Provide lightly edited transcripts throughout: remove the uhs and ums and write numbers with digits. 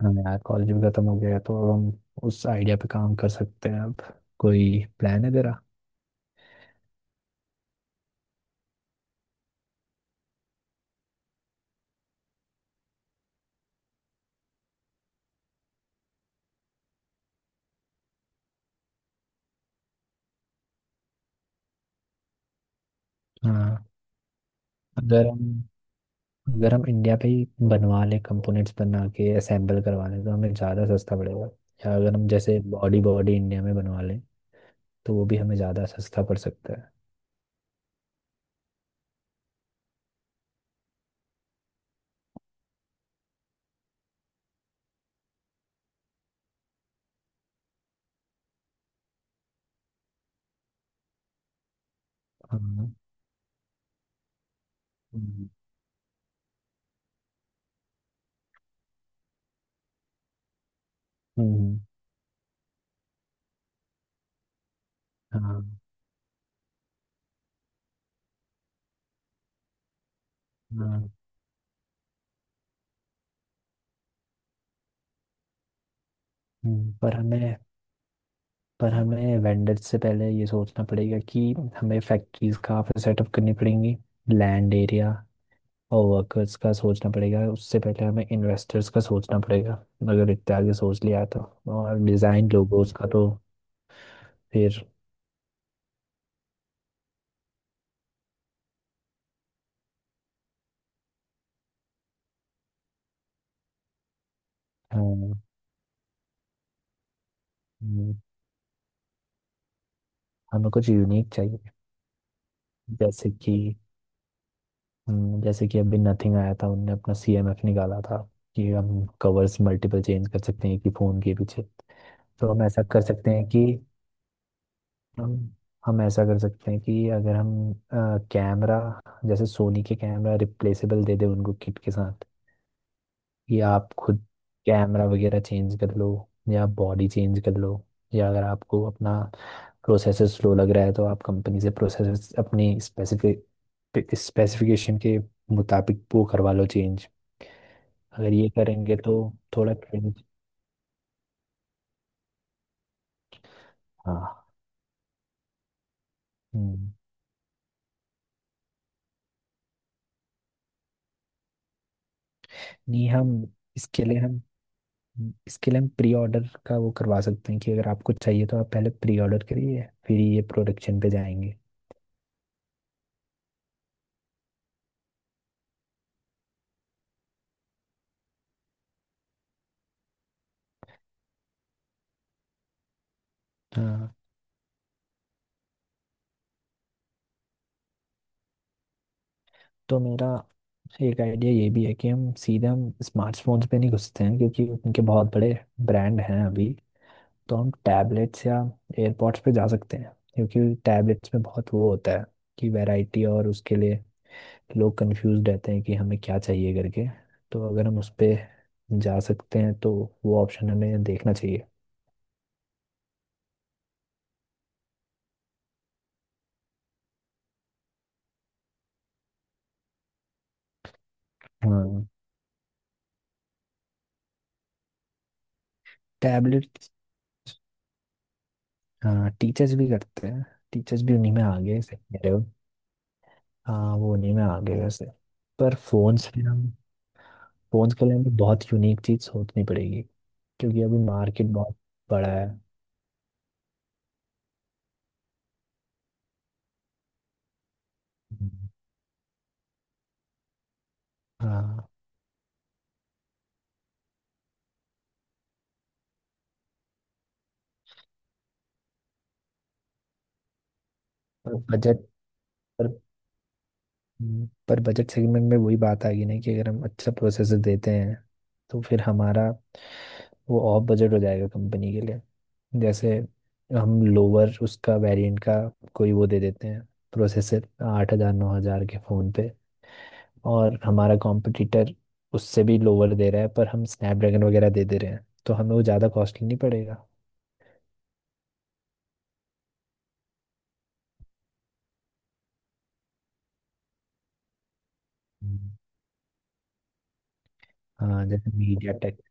हाँ यार, कॉलेज भी खत्म हो गया है तो अब हम उस आइडिया पे काम कर सकते हैं। अब कोई प्लान है तेरा? हाँ, अगर हम अगर हम इंडिया पे ही बनवा लें, कंपोनेंट्स बना के असेंबल करवा लें तो हमें ज़्यादा सस्ता पड़ेगा। या अगर हम जैसे बॉडी बॉडी इंडिया में बनवा लें तो वो भी हमें ज़्यादा सस्ता पड़ सकता है। हाँ। हम्म। हम्म। हाँ। हाँ। हम्म, पर हमें वेंडर्स से पहले ये सोचना पड़ेगा कि हमें फैक्ट्रीज कहाँ पे सेटअप करनी पड़ेंगी, लैंड एरिया और वर्कर्स का सोचना पड़ेगा। उससे पहले हमें इन्वेस्टर्स का सोचना पड़ेगा, अगर इतने आगे सोच लिया तो। और डिज़ाइन लोगोस का तो फिर हम्म। हमें कुछ यूनिक चाहिए। जैसे कि जैसे कि अभी नथिंग आया था, उनने अपना सीएमएफ निकाला था कि हम कवर्स मल्टीपल चेंज कर सकते हैं, कि फ़ोन के पीछे। तो हम ऐसा कर सकते हैं कि हम हम ऐसा कर सकते हैं कि अगर हम कैमरा, जैसे सोनी के कैमरा रिप्लेसेबल दे दे उनको किट के साथ, कि आप खुद कैमरा वगैरह चेंज कर लो या बॉडी चेंज कर लो। या अगर आपको अपना प्रोसेसर स्लो लग रहा है तो आप कंपनी से प्रोसेसर अपनी स्पेसिफिक स्पेसिफिकेशन के मुताबिक वो करवा लो चेंज। अगर ये करेंगे तो थोड़ा क्रिंज। हाँ। हम्म। नहीं हम, इसके लिए हम इसके लिए हम प्री ऑर्डर का वो करवा सकते हैं कि अगर आपको चाहिए तो आप पहले प्री ऑर्डर करिए, फिर ये प्रोडक्शन पे जाएंगे। हाँ। तो मेरा एक आइडिया ये भी है कि हम सीधे हम स्मार्टफोन्स पे नहीं घुसते हैं, क्योंकि उनके बहुत बड़े ब्रांड हैं अभी। तो हम टैबलेट्स या एयरपॉड्स पे जा सकते हैं, क्योंकि टैबलेट्स में बहुत वो होता है कि वैरायटी, और उसके लिए लोग कंफ्यूज रहते हैं कि हमें क्या चाहिए करके। तो अगर हम उस पे जा सकते हैं तो वो ऑप्शन हमें देखना चाहिए। हाँ। टैबलेट्स, हाँ टीचर्स भी करते हैं। टीचर्स भी उन्हीं में आ गए, सही कह रहे हो। हाँ वो नहीं, मैं आगे वैसे। पर फोन्स पे हम, फोन्स के लिए हमें बहुत यूनिक चीज सोचनी पड़ेगी, क्योंकि अभी मार्केट बहुत बड़ा है। हम्म। हाँ। पर बजट, पर पर बजट सेगमेंट में वही बात आ गई ना, कि अगर हम अच्छा प्रोसेसर देते हैं तो फिर हमारा वो ऑफ बजट हो जाएगा कंपनी के लिए। जैसे हम लोअर उसका वेरिएंट का कोई वो दे देते हैं, प्रोसेसर 8 हज़ार 9 हज़ार के फोन पे, और हमारा कॉम्पिटिटर उससे भी लोअर दे रहा है पर हम स्नैपड्रैगन वगैरह दे दे रहे हैं तो हमें वो ज़्यादा कॉस्टली नहीं पड़ेगा। हम्म। हाँ जैसे मीडिया टेक।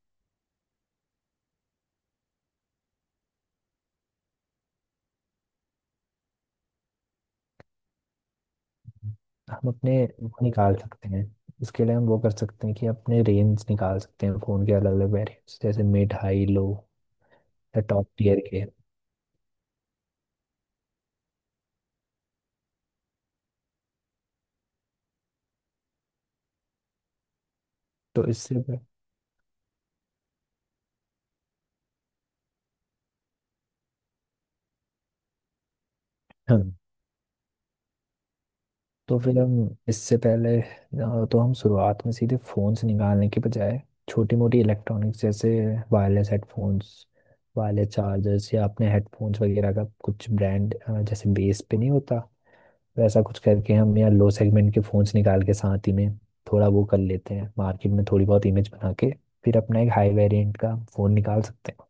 हम अपने वो निकाल सकते हैं। इसके लिए हम वो कर सकते हैं कि अपने रेंज निकाल सकते हैं, फ़ोन के अलग अलग वेरिएंट्स, जैसे मिड, हाई, लो या टॉप टियर के। तो इससे, हाँ तो फिर हम, इससे पहले तो हम शुरुआत में सीधे फ़ोन्स निकालने के बजाय छोटी मोटी इलेक्ट्रॉनिक्स, जैसे वायरलेस हेडफोन्स, वायरलेस चार्जर्स, या अपने हेडफोन्स वगैरह का कुछ ब्रांड, जैसे बेस पे नहीं होता वैसा कुछ करके, हम या लो सेगमेंट के फ़ोन्स निकाल के साथ ही में थोड़ा वो कर लेते हैं, मार्केट में थोड़ी बहुत इमेज बना के। फिर अपना एक हाई वेरिएंट का फ़ोन निकाल सकते हैं।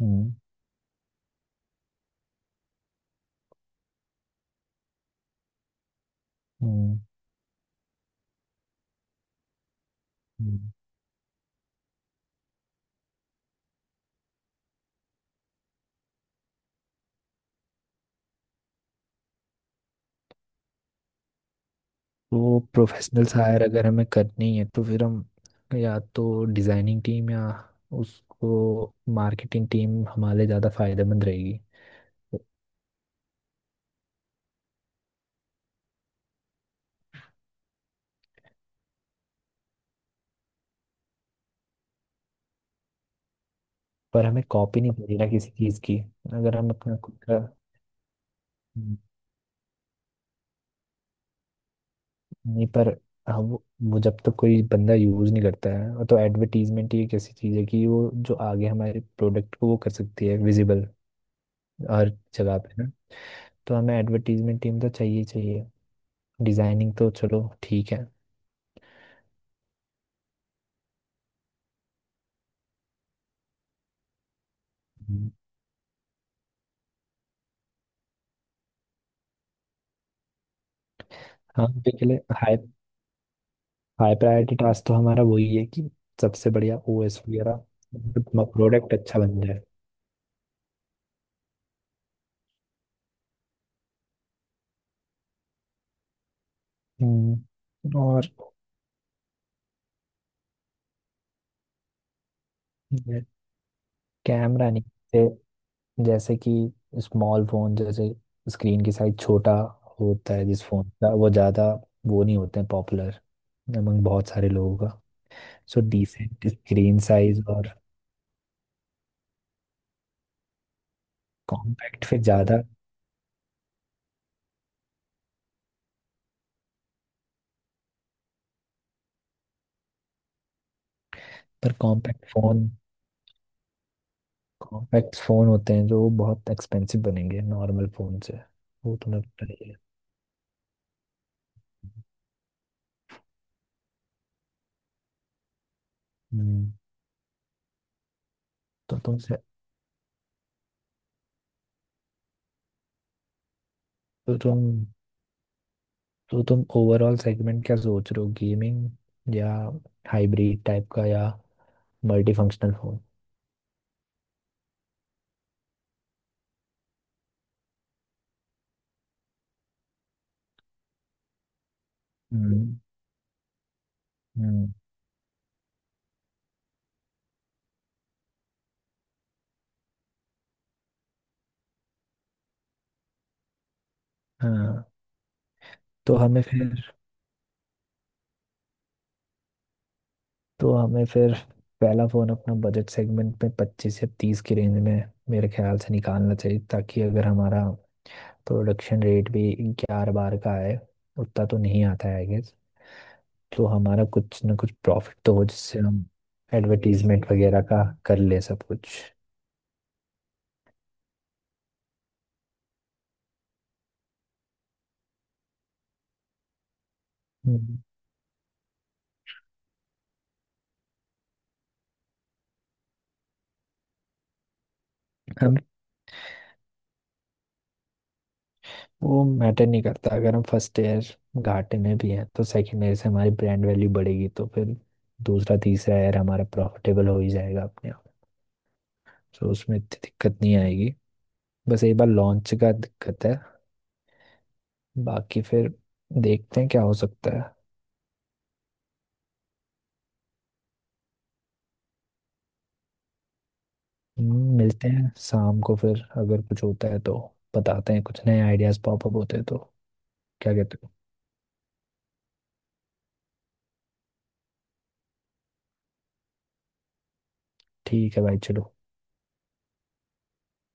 हम्म। हम्म। हम्म। तो प्रोफेशनल हायर अगर हमें करनी है तो फिर हम या तो डिज़ाइनिंग टीम या उसको मार्केटिंग टीम हमारे ज़्यादा फायदेमंद रहेगी। पर हमें कॉपी नहीं करनी ना किसी चीज़ की। अगर हम अपना खुद का, नहीं पर हम, वो जब तक कोई बंदा यूज़ नहीं करता है, और तो एडवर्टीजमेंट ही एक ऐसी चीज़ है कि वो जो आगे हमारे प्रोडक्ट को वो कर सकती है, विजिबल हर जगह पे ना। तो हमें एडवर्टीजमेंट टीम तो चाहिए ही चाहिए। डिज़ाइनिंग तो चलो ठीक है। हम्म। हाँ के लिए, हाई, हाई प्रायोरिटी टास्क तो हमारा वही है कि सबसे बढ़िया ओएस वगैरह, प्रोडक्ट अच्छा बन जाए। हम्म। और कैमरा नहीं, जैसे, जैसे कि स्मॉल फोन, जैसे स्क्रीन की साइज छोटा होता है जिस फोन का, वो ज़्यादा वो नहीं होते हैं पॉपुलर अमंग बहुत सारे लोगों का। सो डिसेंट स्क्रीन साइज और, कॉम्पैक्ट फिर ज़्यादा, पर कॉम्पैक्ट फ़ोन होते हैं जो बहुत एक्सपेंसिव बनेंगे नॉर्मल फ़ोन से। वो तुम्हें पता ही है। तो तुम से, तो तुम तो तुम ओवरऑल सेगमेंट क्या सोच रहे हो, गेमिंग या हाइब्रिड टाइप का, या मल्टी फंक्शनल फोन? हम्म। हम्म। हाँ। तो हमें फिर तो हमें फिर पहला फोन अपना बजट सेगमेंट में 25 से 30 की रेंज में मेरे ख्याल से निकालना चाहिए, ताकि अगर हमारा प्रोडक्शन रेट भी 11 12 का है, उतना तो नहीं आता है आई गेस, तो हमारा कुछ ना कुछ प्रॉफिट तो हो जिससे हम एडवर्टीजमेंट वगैरह का कर ले सब कुछ। हम्म। हम, वो मैटर नहीं करता अगर हम फर्स्ट ईयर घाटे में भी हैं, तो सेकेंड ईयर से हमारी ब्रांड वैल्यू बढ़ेगी, तो फिर दूसरा तीसरा ईयर हमारा प्रॉफिटेबल हो ही जाएगा अपने आप। तो उसमें इतनी दिक्कत नहीं आएगी। बस एक बार लॉन्च का दिक्कत है। बाकी फिर देखते हैं क्या हो सकता है। मिलते हैं शाम को फिर। अगर कुछ होता है तो बताते हैं, कुछ नए आइडियाज पॉपअप होते हैं तो। क्या कहते हो? ठीक है भाई, चलो।